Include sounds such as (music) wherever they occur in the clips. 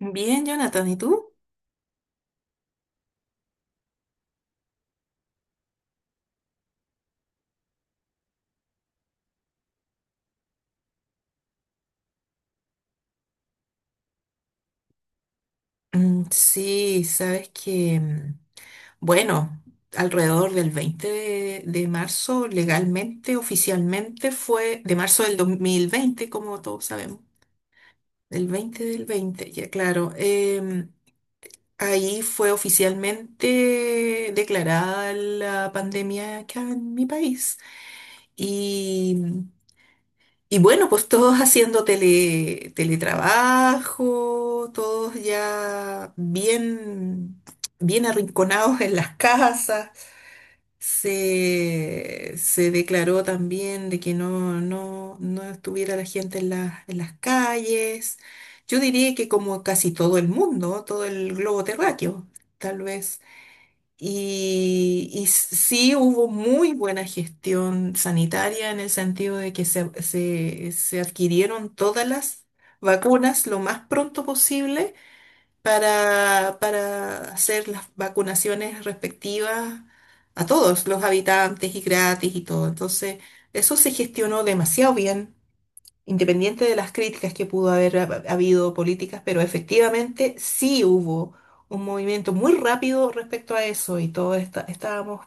Bien, Jonathan, ¿y tú? Mm, sí, sabes bueno, alrededor del 20 de marzo, legalmente, oficialmente fue de marzo del 2020, como todos sabemos, el 20 del 20. Ya claro, ahí fue oficialmente declarada la pandemia acá en mi país. Y mm, Y bueno, pues todos haciendo teletrabajo, todos ya bien, bien arrinconados en las casas. Se declaró también de que no, no, no estuviera la gente en las calles. Yo diría que como casi todo el mundo, todo el globo terráqueo, tal vez y sí hubo muy buena gestión sanitaria en el sentido de que se adquirieron todas las vacunas lo más pronto posible para hacer las vacunaciones respectivas a todos los habitantes y gratis y todo. Entonces, eso se gestionó demasiado bien independiente de las críticas que pudo haber habido políticas, pero efectivamente sí hubo un movimiento muy rápido respecto a eso y todos estábamos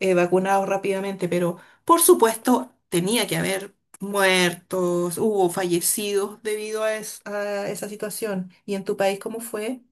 vacunados rápidamente, pero por supuesto tenía que haber muertos, hubo fallecidos debido a esa situación. ¿Y en tu país cómo fue?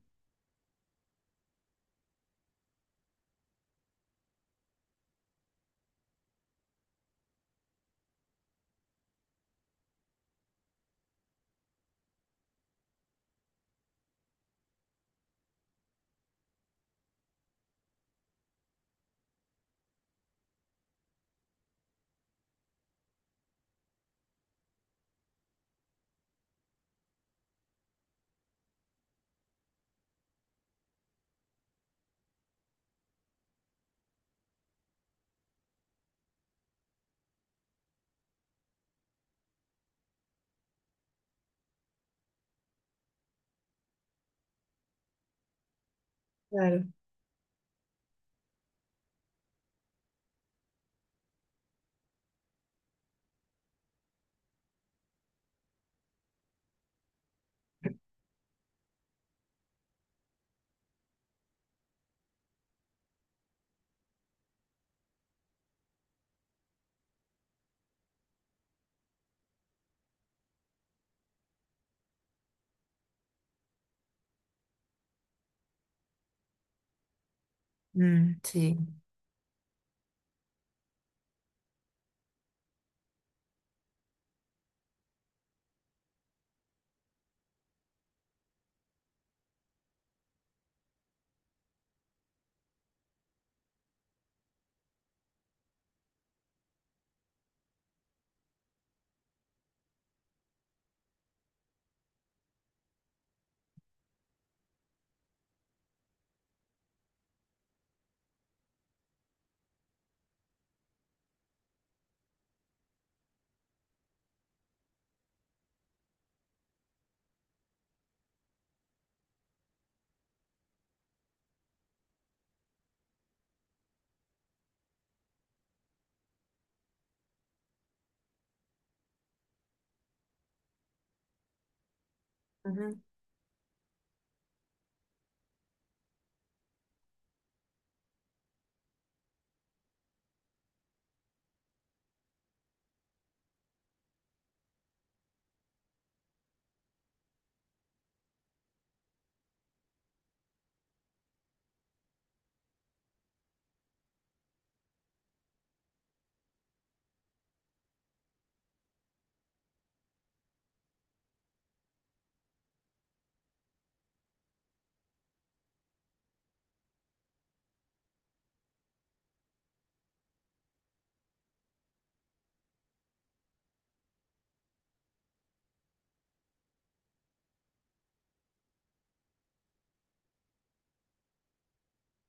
Claro. Mm, sí. Ujú.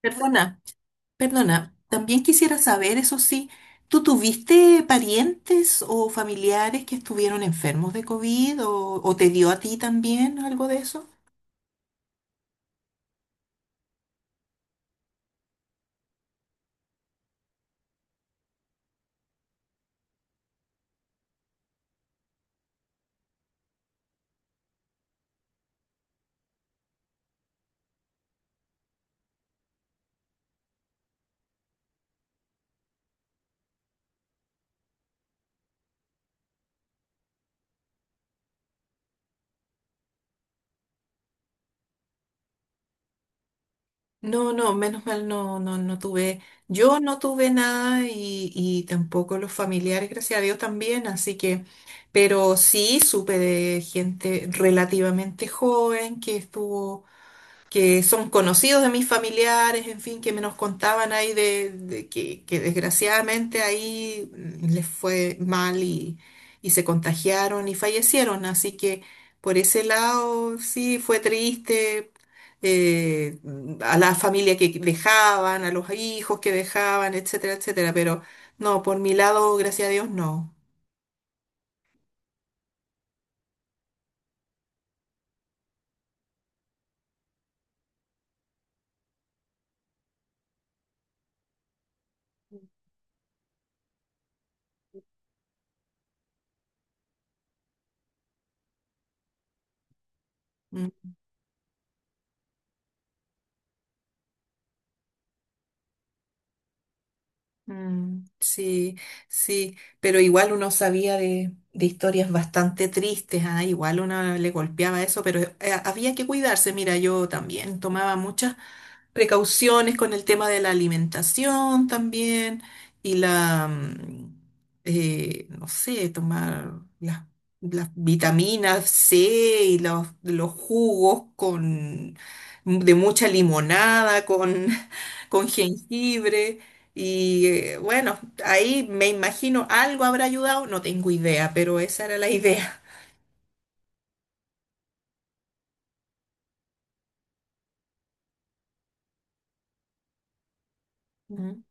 Perdona. Perdona, también quisiera saber, eso sí, ¿tú tuviste parientes o familiares que estuvieron enfermos de COVID o te dio a ti también algo de eso? No, no, menos mal no, no, no tuve, yo no tuve nada y tampoco los familiares, gracias a Dios también, así que, pero sí supe de gente relativamente joven que estuvo, que son conocidos de mis familiares, en fin, que me nos contaban ahí de que desgraciadamente les fue mal y se contagiaron y fallecieron. Así que por ese lado sí fue triste. eh, a la familia que dejaban, a los hijos que dejaban, etcétera, etcétera. Pero no, por mi lado, gracias a Dios, no. Mm, sí, sí, pero igual uno sabía de historias bastante tristes. Ah, igual uno le golpeaba eso, pero había que cuidarse. Mira, yo también tomaba muchas precauciones con el tema de la alimentación también y no sé, tomar las, las vitaminas C y los jugos de mucha limonada, con jengibre y bueno, ahí me imagino algo habrá ayudado, no tengo idea, pero esa era la (laughs) idea. Ujú.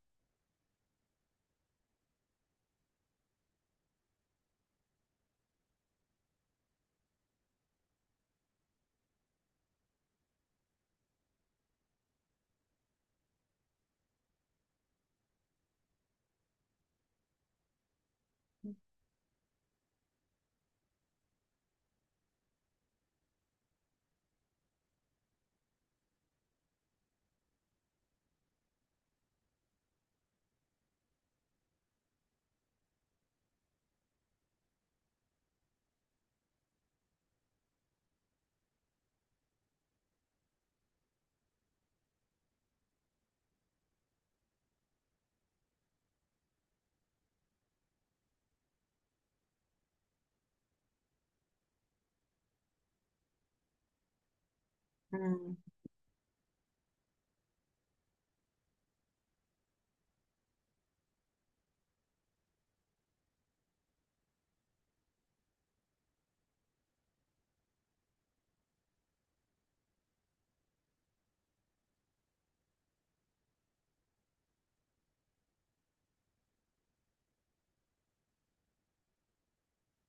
Mm,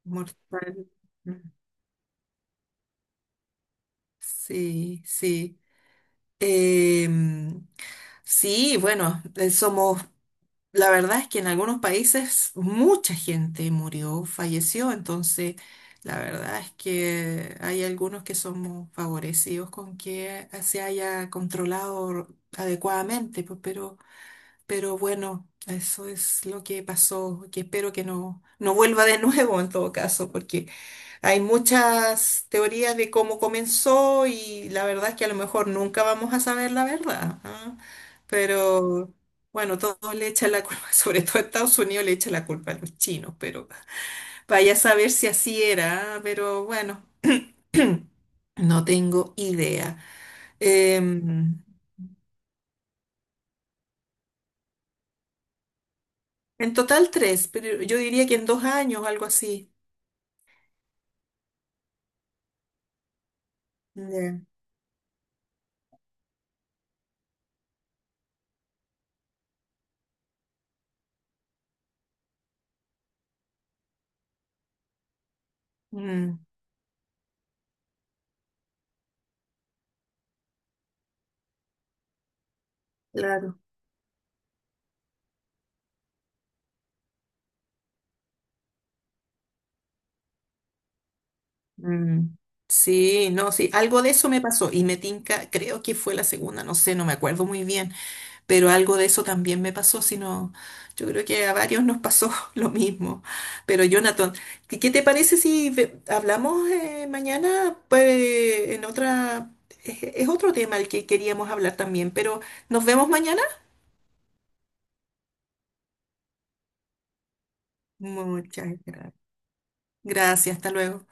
mortal. Mm, sí, sí. Em, sí, bueno, somos, la verdad es que en algunos países mucha gente murió, falleció, entonces la verdad es que hay algunos que somos favorecidos con que se haya controlado adecuadamente, pues, pero... Pero bueno, eso es lo que pasó, que espero que no, no vuelva de nuevo en todo caso, porque hay muchas teorías de cómo comenzó y la verdad es que a lo mejor nunca vamos a saber la verdad, ¿ah? Pero bueno, todos le echan la culpa, (laughs) sobre todo Estados Unidos le echa la culpa a los chinos, pero vaya a saber si así era, ¿ah? Pero bueno, no tengo idea. Em, en total tres, pero yo diría que en 2 años, algo así. Ya. Mm. Claro. Mm. Sí, no, sí, algo de eso me pasó y me tinca, creo que fue la segunda, no sé, no me acuerdo muy bien, pero algo de eso también me pasó, sino yo creo que a varios nos pasó (laughs) lo mismo. Pero Jonathan, ¿qué te parece si hablamos mañana? Pues en otra, es otro tema el que queríamos hablar también, pero nos vemos mañana. Muchas gracias. Gracias, hasta luego.